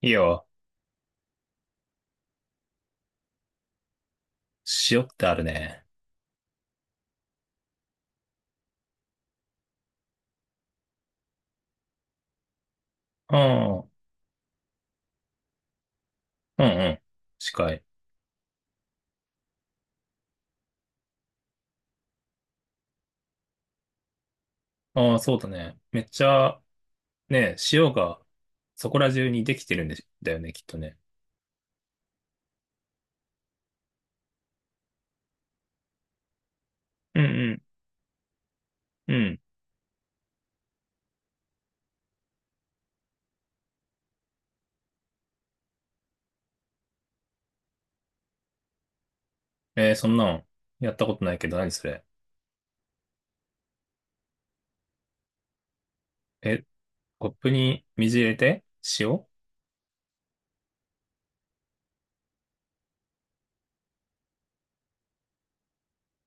いいよ。塩ってあるね。うん。うんうん。近い。ああ、そうだね。めっちゃ、ね、塩がそこら中にできてるんで、だよね、きっとね。うんうん。うん。そんなん、やったことないけど、何それ。え、コップに水入れて塩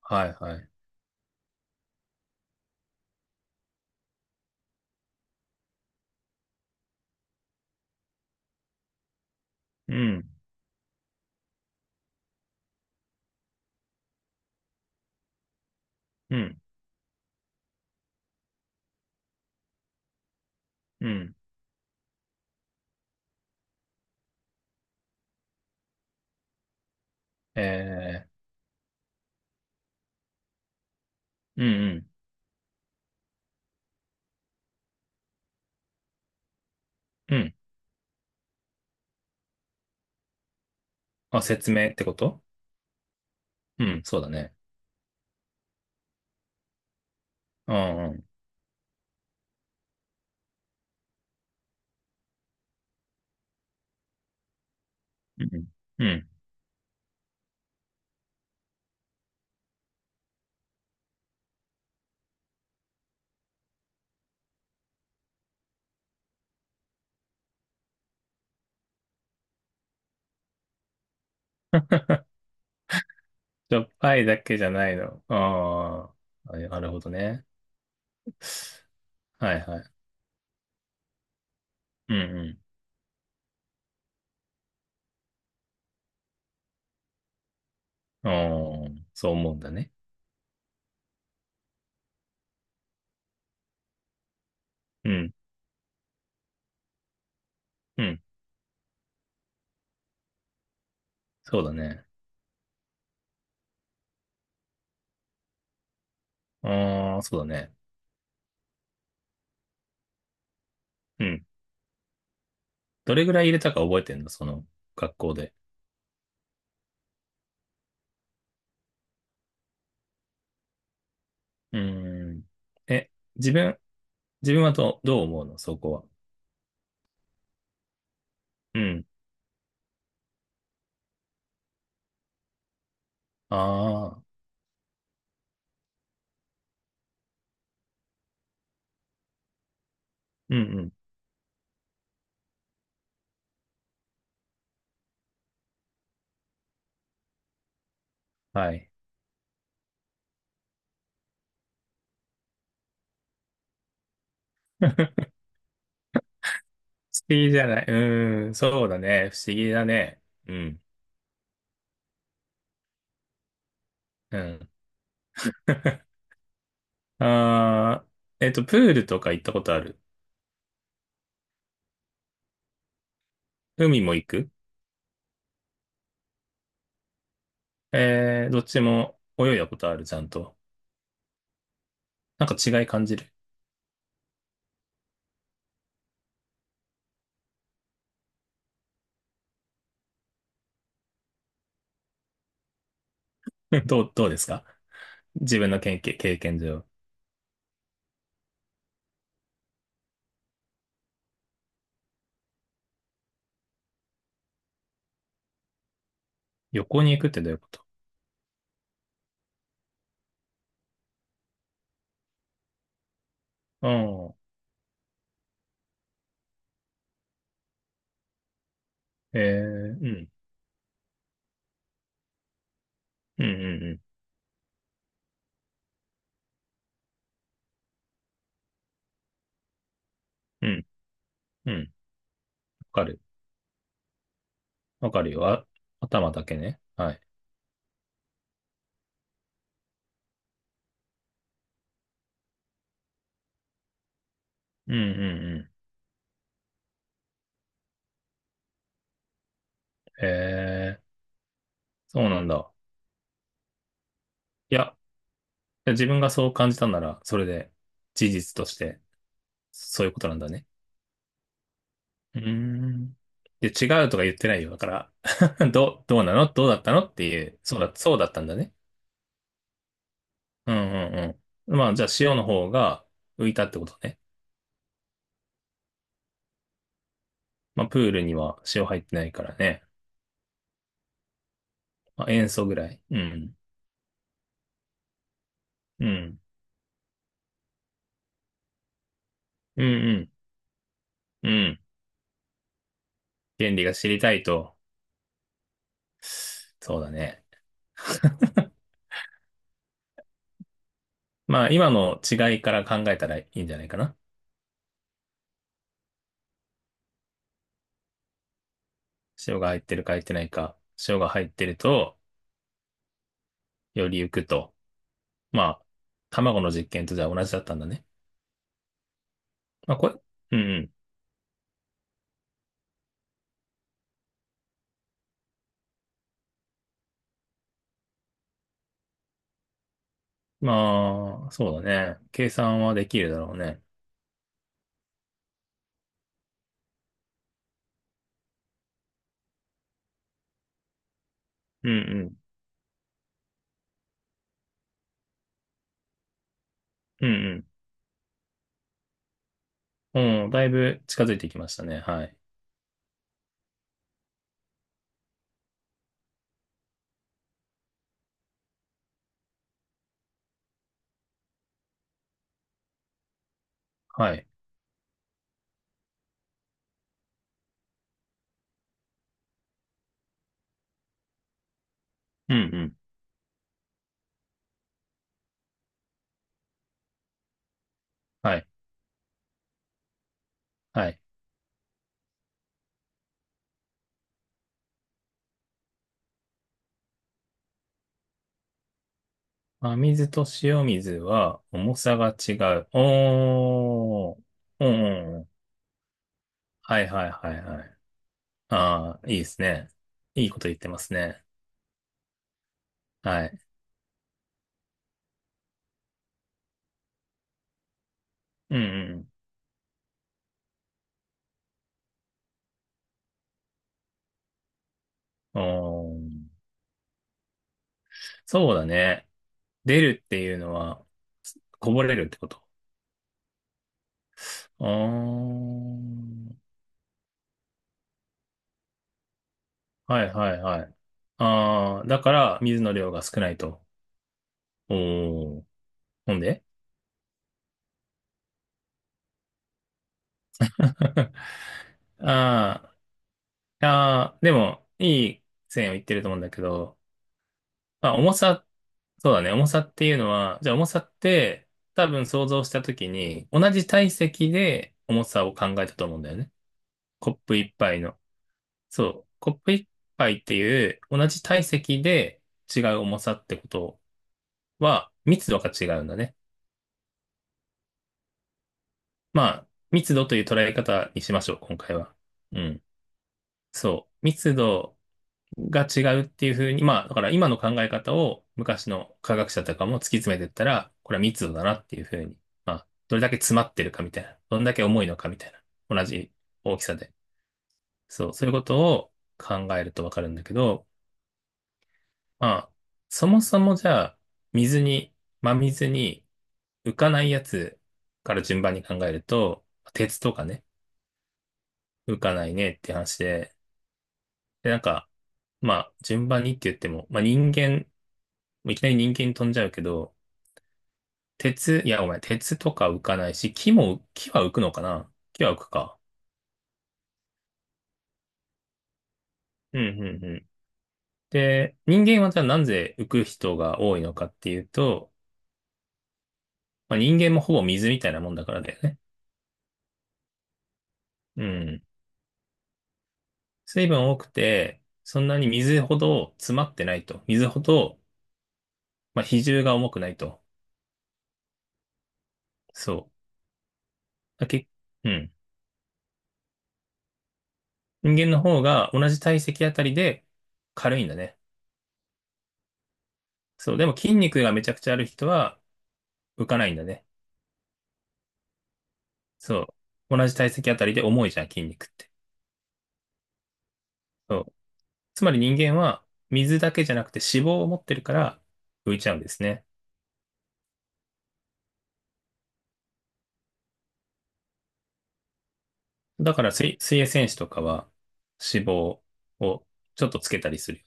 はいはい。うん。うん。うん。えうんうん。うん。あ、説明ってこと？うん、そうだね。うんうん。うん。うん。しょっぱいだけじゃないの。ああ、なるほどね。はいはい。うんうん。ああ、そう思うんだね。うん。うん。そうだね。ああ、そうだね。うん。どれぐらい入れたか覚えてんの、その学校で？うーん。え、自分はどう思うのそこは？うん。ああ、うんうん。はい。不思議じゃない。うーん。そうだね。不思議だね。うん。うん。ああ、プールとか行ったことある？海も行く？どっちも泳いだことある、ちゃんと？なんか違い感じる？どうですか、自分の経験上。横に行くってどういうこと？ああ、ええうん。うんうんうん。うん。うん。わかる。わかるよ。あ、頭だけね。はい。うんうんうん。ええ、そうなんだ。いや、自分がそう感じたなら、それで事実としてそういうことなんだね。うーん。で、違うとか言ってないよ。だから どうなのどうだったのっていう、そうだ、そうだったんだね。うんうんうん。まあ、じゃあ塩の方が浮いたってことね。まあ、プールには塩入ってないからね。まあ、塩素ぐらい。うん。うん。うんうん。うん。原理が知りたいと。そうだね。まあ、今の違いから考えたらいいんじゃないかな。塩が入ってるか入ってないか。塩が入ってると、より浮くと。まあ、卵の実験とじゃあ同じだったんだね。まあ、これ、うんうん。まあ、そうだね。計算はできるだろうね。うんうん。うんうん。うん、だいぶ近づいてきましたね。はい。はい。うんうん。はい。はい。真水と塩水は重さが違う。おー。うんうんうん。はいはいはいはい。ああ、いいですね。いいこと言ってますね。はい。うんうん。おー。そうだね。出るっていうのは、こぼれるってこと？おー。はいはいはい。ああ、だから水の量が少ないと。おー。ほんで ああ、ああ、でも、いい線を言ってると思うんだけど、まあ、重さ、そうだね、重さっていうのは、じゃあ重さって、多分想像したときに、同じ体積で重さを考えたと思うんだよね。コップ一杯の。そう、コップ一杯っていう、同じ体積で違う重さってことは、密度が違うんだね。まあ、密度という捉え方にしましょう、今回は。うん。そう。密度が違うっていうふうに、まあ、だから今の考え方を昔の科学者とかも突き詰めていったら、これは密度だなっていうふうに、まあ、どれだけ詰まってるかみたいな、どんだけ重いのかみたいな、同じ大きさで。そう、そういうことを考えるとわかるんだけど、まあ、そもそもじゃあ、水に、真水に浮かないやつから順番に考えると、鉄とかね、浮かないねって話で、で、なんか、まあ、順番にって言っても、まあ人間、いきなり人間に飛んじゃうけど、鉄、いや、ごめん、鉄とか浮かないし、木も、木は浮くのかな、木は浮くか。うん、うん、うん。で、人間はじゃあなぜ浮く人が多いのかっていうと、まあ、人間もほぼ水みたいなもんだからだよね。うん。水分多くて、そんなに水ほど詰まってないと。水ほど、まあ、比重が重くないと。そう。うん。人間の方が同じ体積あたりで軽いんだね。そう。でも筋肉がめちゃくちゃある人は浮かないんだね。そう。同じ体積あたりで重いじゃん、筋肉って。そう。つまり人間は水だけじゃなくて脂肪を持ってるから浮いちゃうんですね。だから水、水泳選手とかは脂肪をちょっとつけたりする。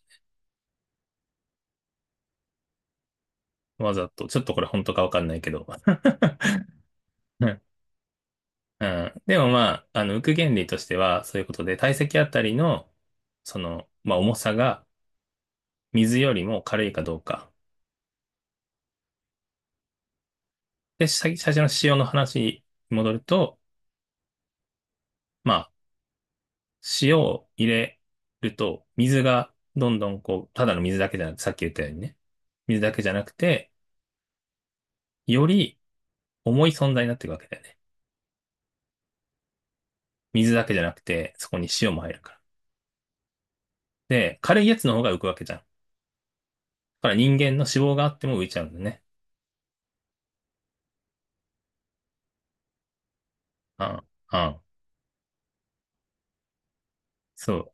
わざと。ちょっとこれ本当かわかんないけど。うんうん。でもまあ、浮く原理としてはそういうことで、体積あたりの、その、まあ重さが水よりも軽いかどうか。で、さ最初の用の話に戻ると、まあ、塩を入れると、水がどんどんこう、ただの水だけじゃなくて、さっき言ったようにね、水だけじゃなくて、より重い存在になっていくわけだよね。水だけじゃなくて、そこに塩も入るから。で、軽いやつの方が浮くわけじゃん。だから人間の脂肪があっても浮いちゃうんだね。うん、うん、そう。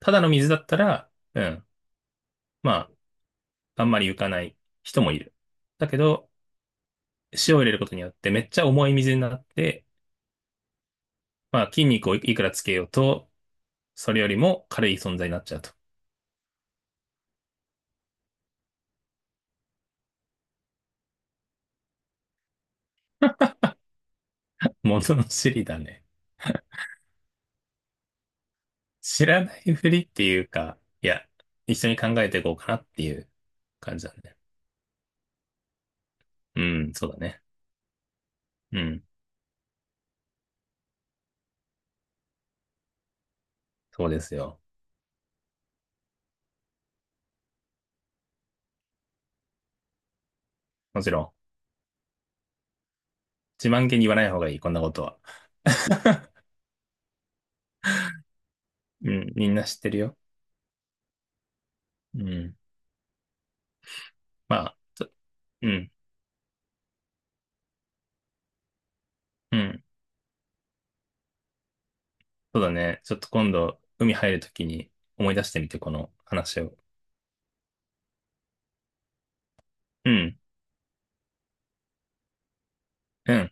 ただの水だったら、うん、まあ、あんまり浮かない人もいる。だけど、塩を入れることによってめっちゃ重い水になって、まあ筋肉をいくらつけようと、それよりも軽い存在になっちゃうと。物の知りだね。知らないふりっていうか、いや、一緒に考えていこうかなっていう感じだね。うん、そうだね。うん、そうですよ。もちろん、自慢げに言わない方がいい、こんなことは。うん、みんな知ってるよ。うん。まあ、うん、うん。そうだね。ちょっと今度、海入るときに思い出してみて、この話を。うん、うん。